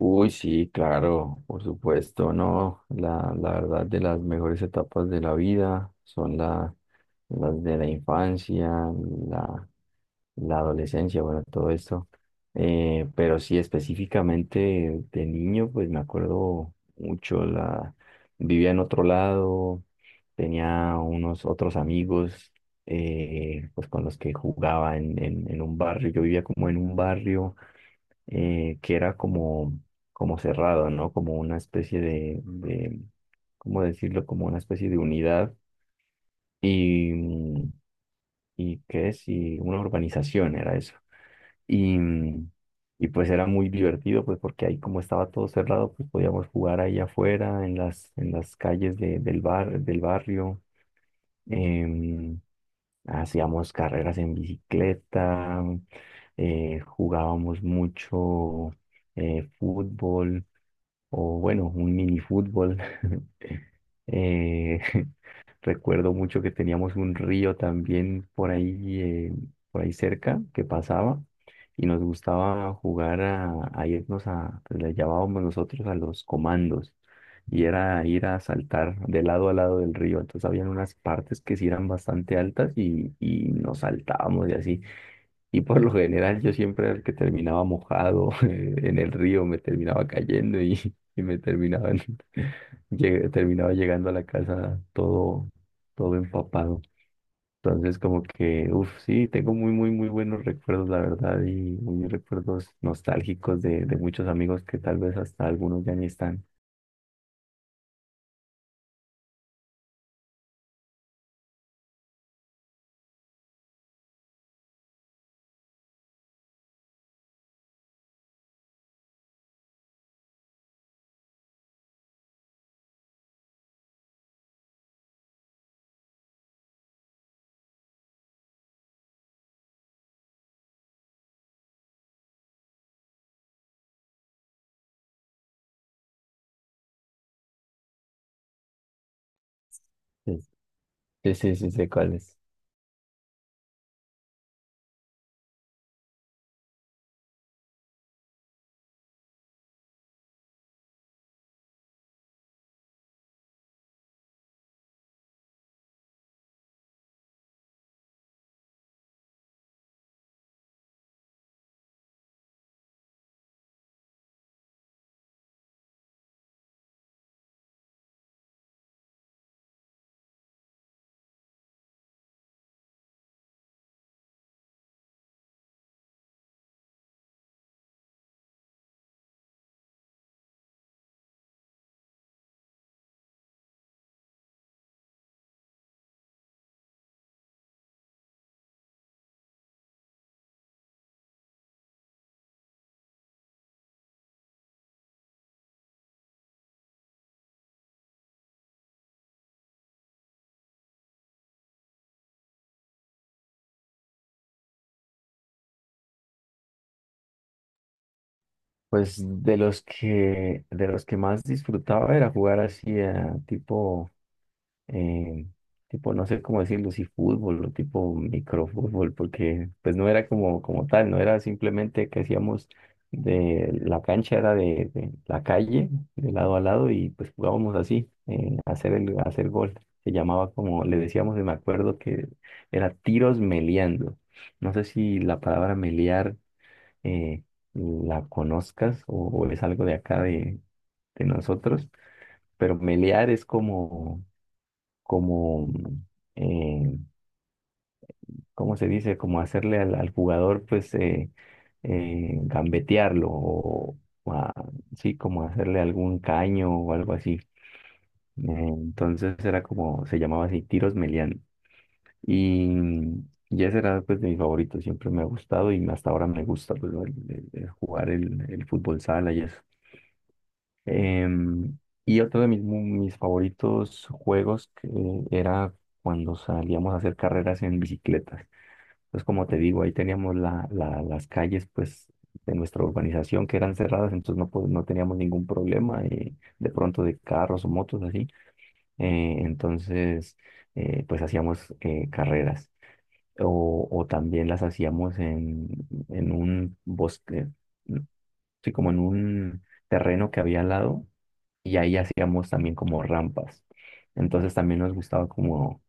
Uy, sí, claro, por supuesto, no, la verdad de las mejores etapas de la vida son las de la infancia, la, la adolescencia, bueno, todo esto. Pero sí específicamente de niño, pues me acuerdo mucho, vivía en otro lado, tenía unos otros amigos, pues con los que jugaba en un barrio. Yo vivía como en un barrio que era como, como cerrado, ¿no? Como una especie de, ¿cómo decirlo? Como una especie de unidad y, y ¿qué es? Y una urbanización era eso. Y, y pues era muy divertido, pues porque ahí como estaba todo cerrado, pues podíamos jugar ahí afuera, en las calles del barrio. Em, Hacíamos carreras en bicicleta, jugábamos mucho fútbol o bueno, un mini fútbol. Eh, recuerdo mucho que teníamos un río también por ahí cerca que pasaba y nos gustaba jugar a irnos a, pues, le llamábamos nosotros a los comandos, y era ir a saltar de lado a lado del río. Entonces habían unas partes que sí eran bastante altas y nos saltábamos y así. Y por lo general yo siempre era el que terminaba mojado, en el río, me terminaba cayendo y me terminaban, terminaba llegando a la casa todo, todo empapado. Entonces como que, uff, sí, tengo muy, muy, muy buenos recuerdos, la verdad, y muy recuerdos nostálgicos de muchos amigos que tal vez hasta algunos ya ni están. Sí, sí, sí, sí, sé cuáles. Pues de los que más disfrutaba era jugar así a tipo, eh, tipo, no sé cómo decirlo, si fútbol o tipo microfútbol, porque pues no era como, como tal, no era simplemente que hacíamos de la cancha, era de la calle, de lado a lado, y pues jugábamos así, hacer el, hacer gol. Se llamaba como, le decíamos, y me acuerdo que era tiros meleando. No sé si la palabra melear eh, la conozcas o es algo de acá de nosotros, pero melear es como como, eh, ¿cómo se dice? Como hacerle al, al jugador, pues, gambetearlo o, o a- sí, como hacerle algún caño o algo así. Entonces era como, se llamaba así, tiros melian. Y, y ese era, pues, de mis favoritos, siempre me ha gustado y hasta ahora me gusta, pues, el jugar el fútbol sala y eso. Em, y otro de mis, mis favoritos juegos que era cuando salíamos a hacer carreras en bicicletas. Entonces, como te digo, ahí teníamos las calles pues, de nuestra urbanización que eran cerradas, entonces no, no teníamos ningún problema, de pronto, de carros o motos así. Entonces, pues hacíamos carreras. O también las hacíamos en un bosque, sí, como en un terreno que había al lado, y ahí hacíamos también como rampas. Entonces también nos gustaba como,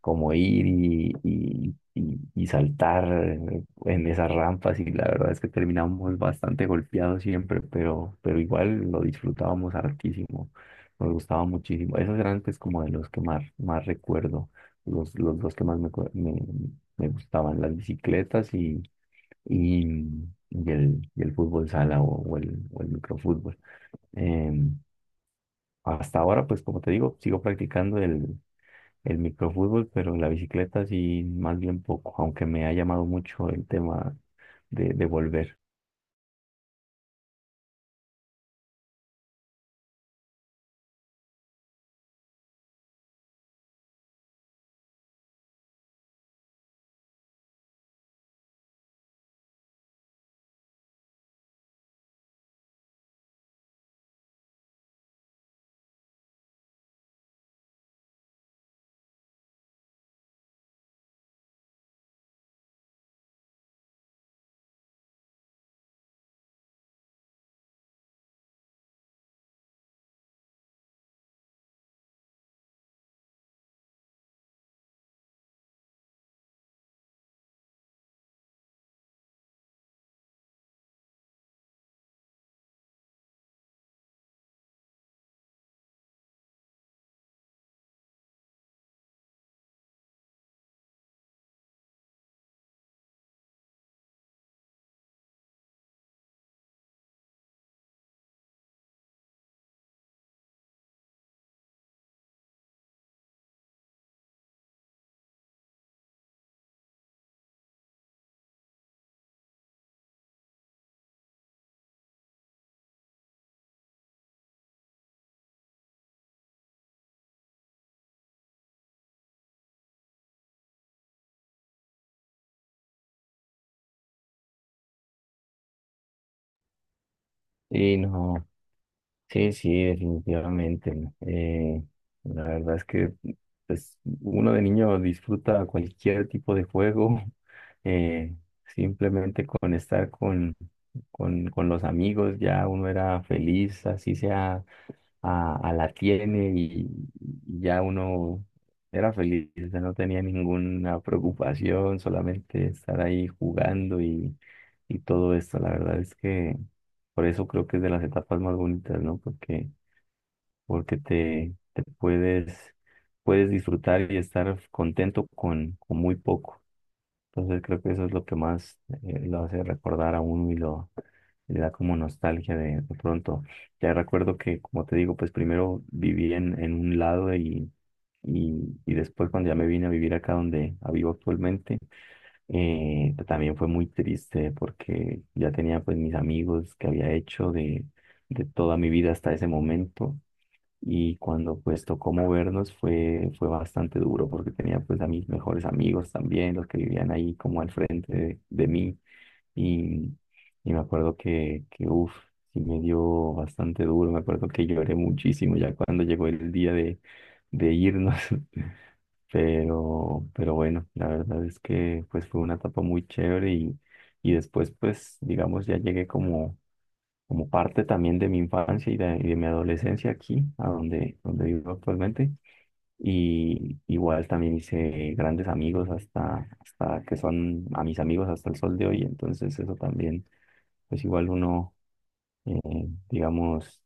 como ir y, y saltar en esas rampas, y la verdad es que terminábamos bastante golpeados siempre, pero igual lo disfrutábamos hartísimo, nos gustaba muchísimo. Esos eran pues como de los que más, más recuerdo, los dos que más me, me gustaban, las bicicletas y, y el fútbol sala o el microfútbol. Em, Hasta ahora, pues como te digo, sigo practicando el microfútbol, pero la bicicleta sí, más bien poco, aunque me ha llamado mucho el tema de volver. Y no, sí, sí, definitivamente, ¿no? La verdad es que pues, uno de niño disfruta cualquier tipo de juego, eh, simplemente con estar con los amigos, ya uno era feliz, así sea a la tiene, y ya uno era feliz, o sea, no tenía ninguna preocupación, solamente estar ahí jugando y todo esto. La verdad es que por eso creo que es de las etapas más bonitas, ¿no? Porque, porque te puedes, puedes disfrutar y estar contento con muy poco. Entonces creo que eso es lo que más, lo hace recordar a uno y lo, le da como nostalgia de pronto. Ya recuerdo que, como te digo, pues primero viví en un lado y después cuando ya me vine a vivir acá donde vivo actualmente, también fue muy triste porque ya tenía pues mis amigos que había hecho de toda mi vida hasta ese momento, y cuando pues tocó movernos fue, fue bastante duro porque tenía pues a mis mejores amigos también, los que vivían ahí como al frente de mí, y, y me acuerdo que uff, sí me dio bastante duro, me acuerdo que lloré muchísimo ya cuando llegó el día de irnos, pero bueno, la verdad es que pues fue una etapa muy chévere y después pues digamos ya llegué como como parte también de mi infancia y de mi adolescencia aquí, a donde, donde vivo actualmente. Y igual también hice grandes amigos hasta, hasta que son a mis amigos hasta el sol de hoy. Entonces eso también, pues igual uno, eh, digamos,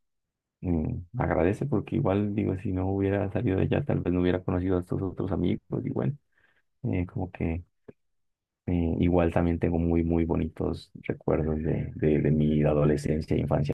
agradece porque igual digo, si no hubiera salido de allá, tal vez no hubiera conocido a estos otros amigos. Y bueno, como que igual también tengo muy, muy bonitos recuerdos de mi adolescencia e infancia.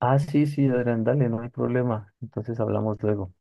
Ah, sí, sí, Adrián, dale, no hay problema. Entonces hablamos luego.